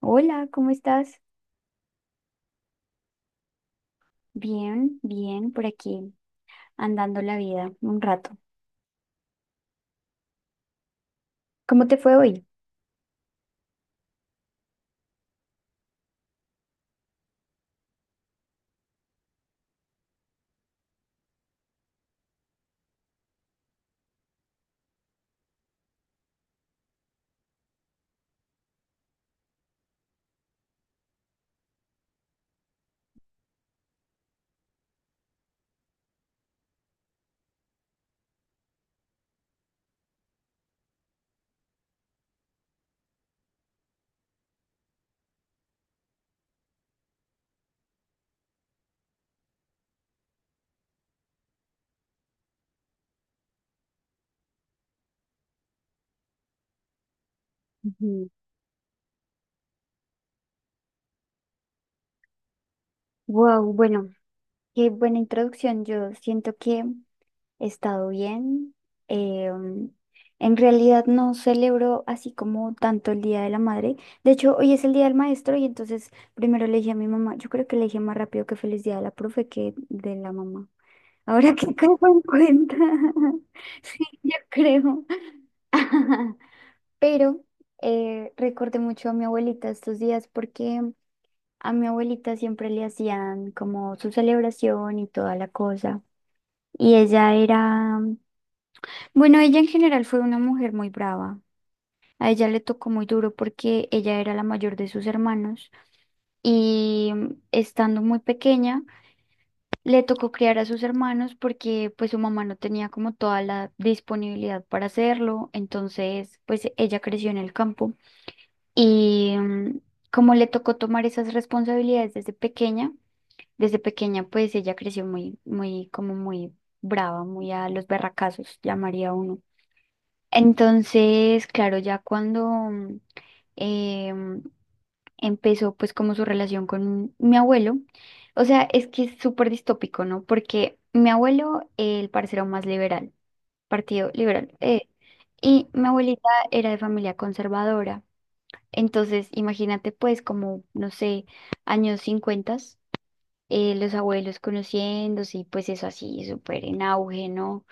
Hola, ¿cómo estás? Bien, bien, por aquí, andando la vida un rato. ¿Cómo te fue hoy? Ujú. Wow, bueno, qué buena introducción. Yo siento que he estado bien. Eh, um, en realidad no celebro así como tanto el Día de la Madre. De hecho, hoy es el Día del Maestro y entonces primero le dije a mi mamá, yo creo que le dije más rápido que feliz día de la profe que de la mamá. Ahora que caigo en cuenta. Sí, yo creo. Pero recordé mucho a mi abuelita estos días porque a mi abuelita siempre le hacían como su celebración y toda la cosa. Y ella era, bueno, ella en general fue una mujer muy brava. A ella le tocó muy duro porque ella era la mayor de sus hermanos y estando muy pequeña le tocó criar a sus hermanos porque pues su mamá no tenía como toda la disponibilidad para hacerlo. Entonces pues ella creció en el campo. Y mm, como le tocó tomar esas responsabilidades desde pequeña pues ella creció muy, muy, como muy brava, muy a los berracazos, llamaría uno. Entonces, claro, ya cuando em, empezó pues como su relación con mi abuelo, o sea, es que es súper distópico, ¿no? Porque mi abuelo, el parcero más liberal, partido liberal, y mi abuelita era de familia conservadora. Entonces, imagínate pues como, no sé, años 50, los abuelos conociéndose y pues eso así, súper en auge, ¿no?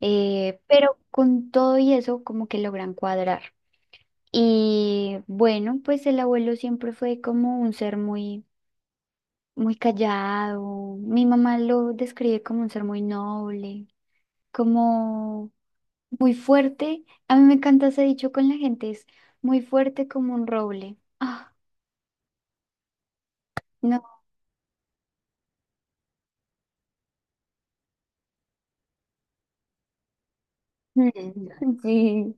Pero con todo y eso como que logran cuadrar. Y bueno, pues el abuelo siempre fue como un ser muy, muy callado. Mi mamá lo describe como un ser muy noble, como muy fuerte. A mí me encanta ese dicho con la gente, es muy fuerte como un roble. Ah. No. Mm, sí,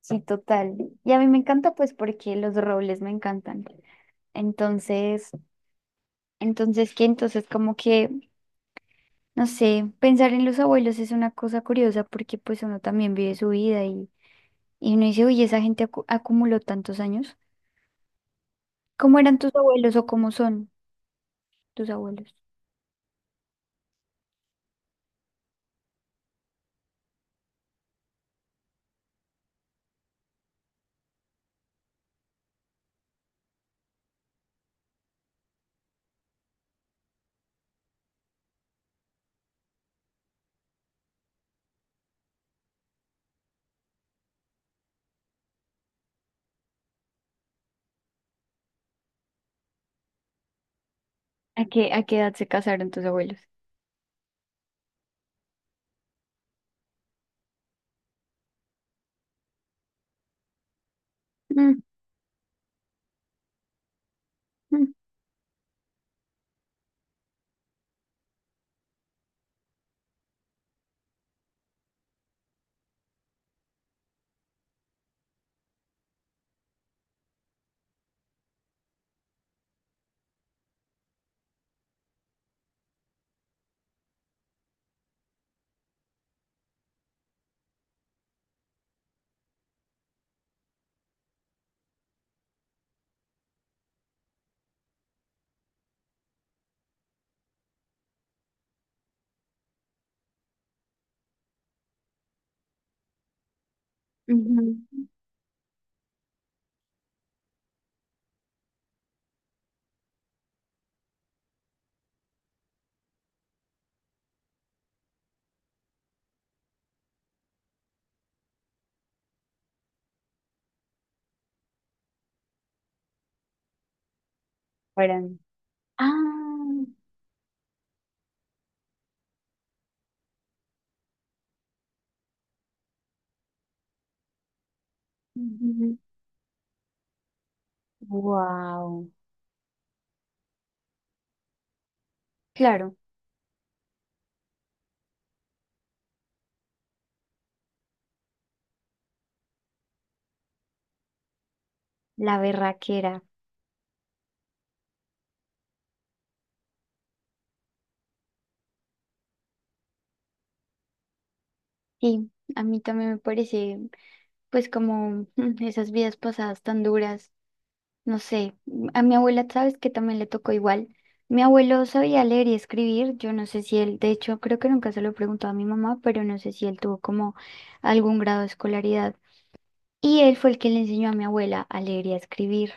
sí, total. Y a mí me encanta pues porque los robles me encantan. Entonces, entonces que entonces como que, no sé, pensar en los abuelos es una cosa curiosa porque pues uno también vive su vida y, uno dice, oye, esa gente acumuló tantos años. ¿Cómo eran tus abuelos o cómo son tus abuelos? ¿A qué edad se casaron tus abuelos? Mm, mm, ujú. Fueron. Ah, wow. Claro, la berraquera. Sí, a mí también me parece, pues como esas vidas pasadas tan duras, no sé, a mi abuela, sabes que también le tocó igual. Mi abuelo sabía leer y escribir, yo no sé si él, de hecho creo que nunca se lo preguntó a mi mamá, pero no sé si él tuvo como algún grado de escolaridad. Y él fue el que le enseñó a mi abuela a leer y a escribir.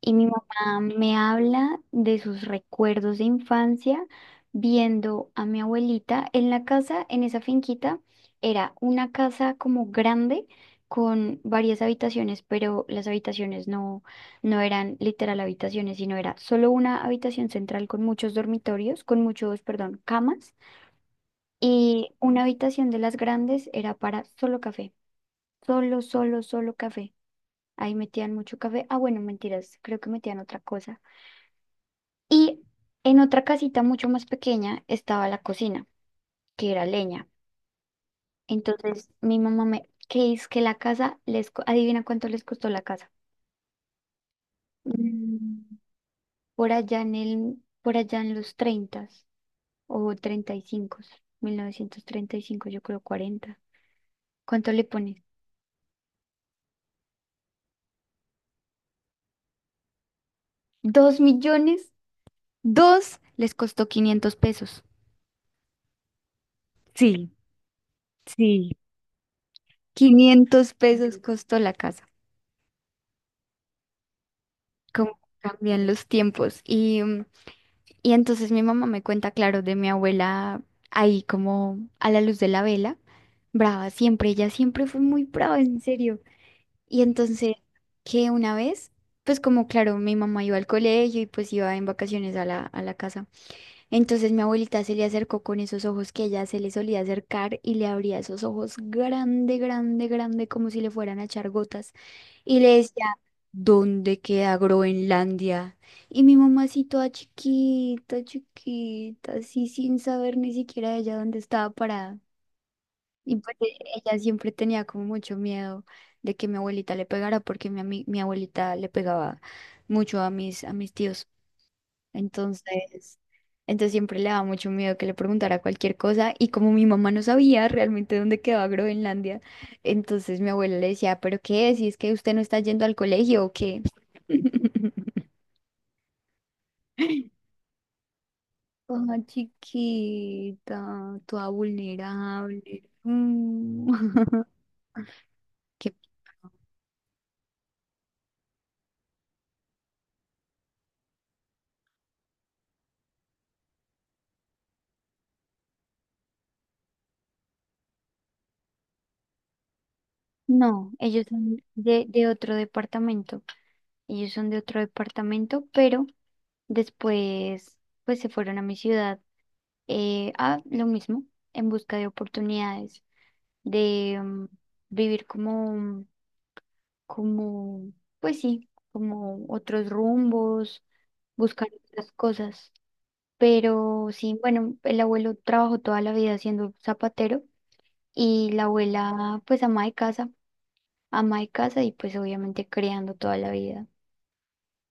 Y mi mamá me habla de sus recuerdos de infancia viendo a mi abuelita en la casa, en esa finquita. Era una casa como grande con varias habitaciones, pero las habitaciones no, no eran literal habitaciones, sino era solo una habitación central con muchos dormitorios, con muchos, perdón, camas. Y una habitación de las grandes era para solo café, solo, solo, solo café. Ahí metían mucho café. Ah, bueno, mentiras, creo que metían otra cosa. Y en otra casita mucho más pequeña estaba la cocina, que era leña. Entonces mi mamá me, que es que la casa les, adivina cuánto les costó la casa. Mm, por allá en los 30 o treinta y cinco, 1935, yo creo, 40. ¿Cuánto le pones? 2 millones, dos les costó 500 pesos. Sí, sí. 500 pesos costó la casa. Cómo cambian los tiempos. Y entonces mi mamá me cuenta, claro, de mi abuela ahí como a la luz de la vela, brava siempre, ella siempre fue muy brava, en serio. Y entonces que una vez, pues como claro, mi mamá iba al colegio y pues iba en vacaciones a la casa. Entonces mi abuelita se le acercó con esos ojos que ella se le solía acercar y le abría esos ojos grande, grande, grande, como si le fueran a echar gotas. Y le decía, ¿dónde queda Groenlandia? Y mi mamá así toda chiquita, chiquita, así sin saber ni siquiera ella dónde estaba parada. Y pues ella siempre tenía como mucho miedo de que mi abuelita le pegara, porque mi abuelita le pegaba mucho a mis tíos. Entonces, entonces siempre le daba mucho miedo que le preguntara cualquier cosa y como mi mamá no sabía realmente dónde quedaba Groenlandia, entonces mi abuela le decía, ¿pero qué? Si es que usted no está yendo al colegio o qué. Ah, chiquita, toda vulnerable. Mm. Qué- No, ellos son de otro departamento. Ellos son de otro departamento, pero después pues se fueron a mi ciudad a lo mismo, en busca de oportunidades, de vivir como, como, pues sí, como otros rumbos, buscar otras cosas. Pero sí, bueno, el abuelo trabajó toda la vida siendo zapatero y la abuela, pues ama de casa y pues obviamente creando toda la vida,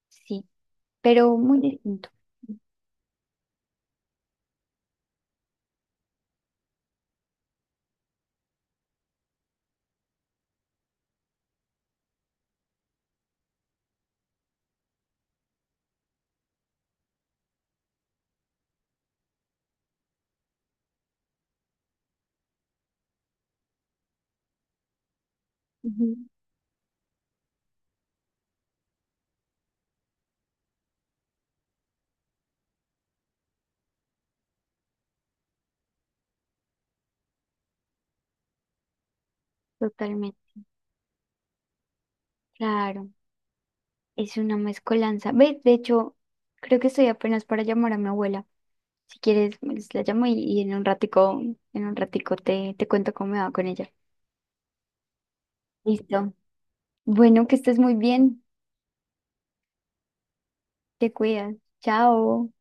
sí, pero muy distinto. Ujú. Totalmente, claro. Es una mezcolanza. Ve, de hecho, creo que estoy apenas para llamar a mi abuela. Si quieres, pues, la llamo y, en un ratico te cuento cómo me va con ella. Listo. Bueno, que estés muy bien. Te cuidas. Chao.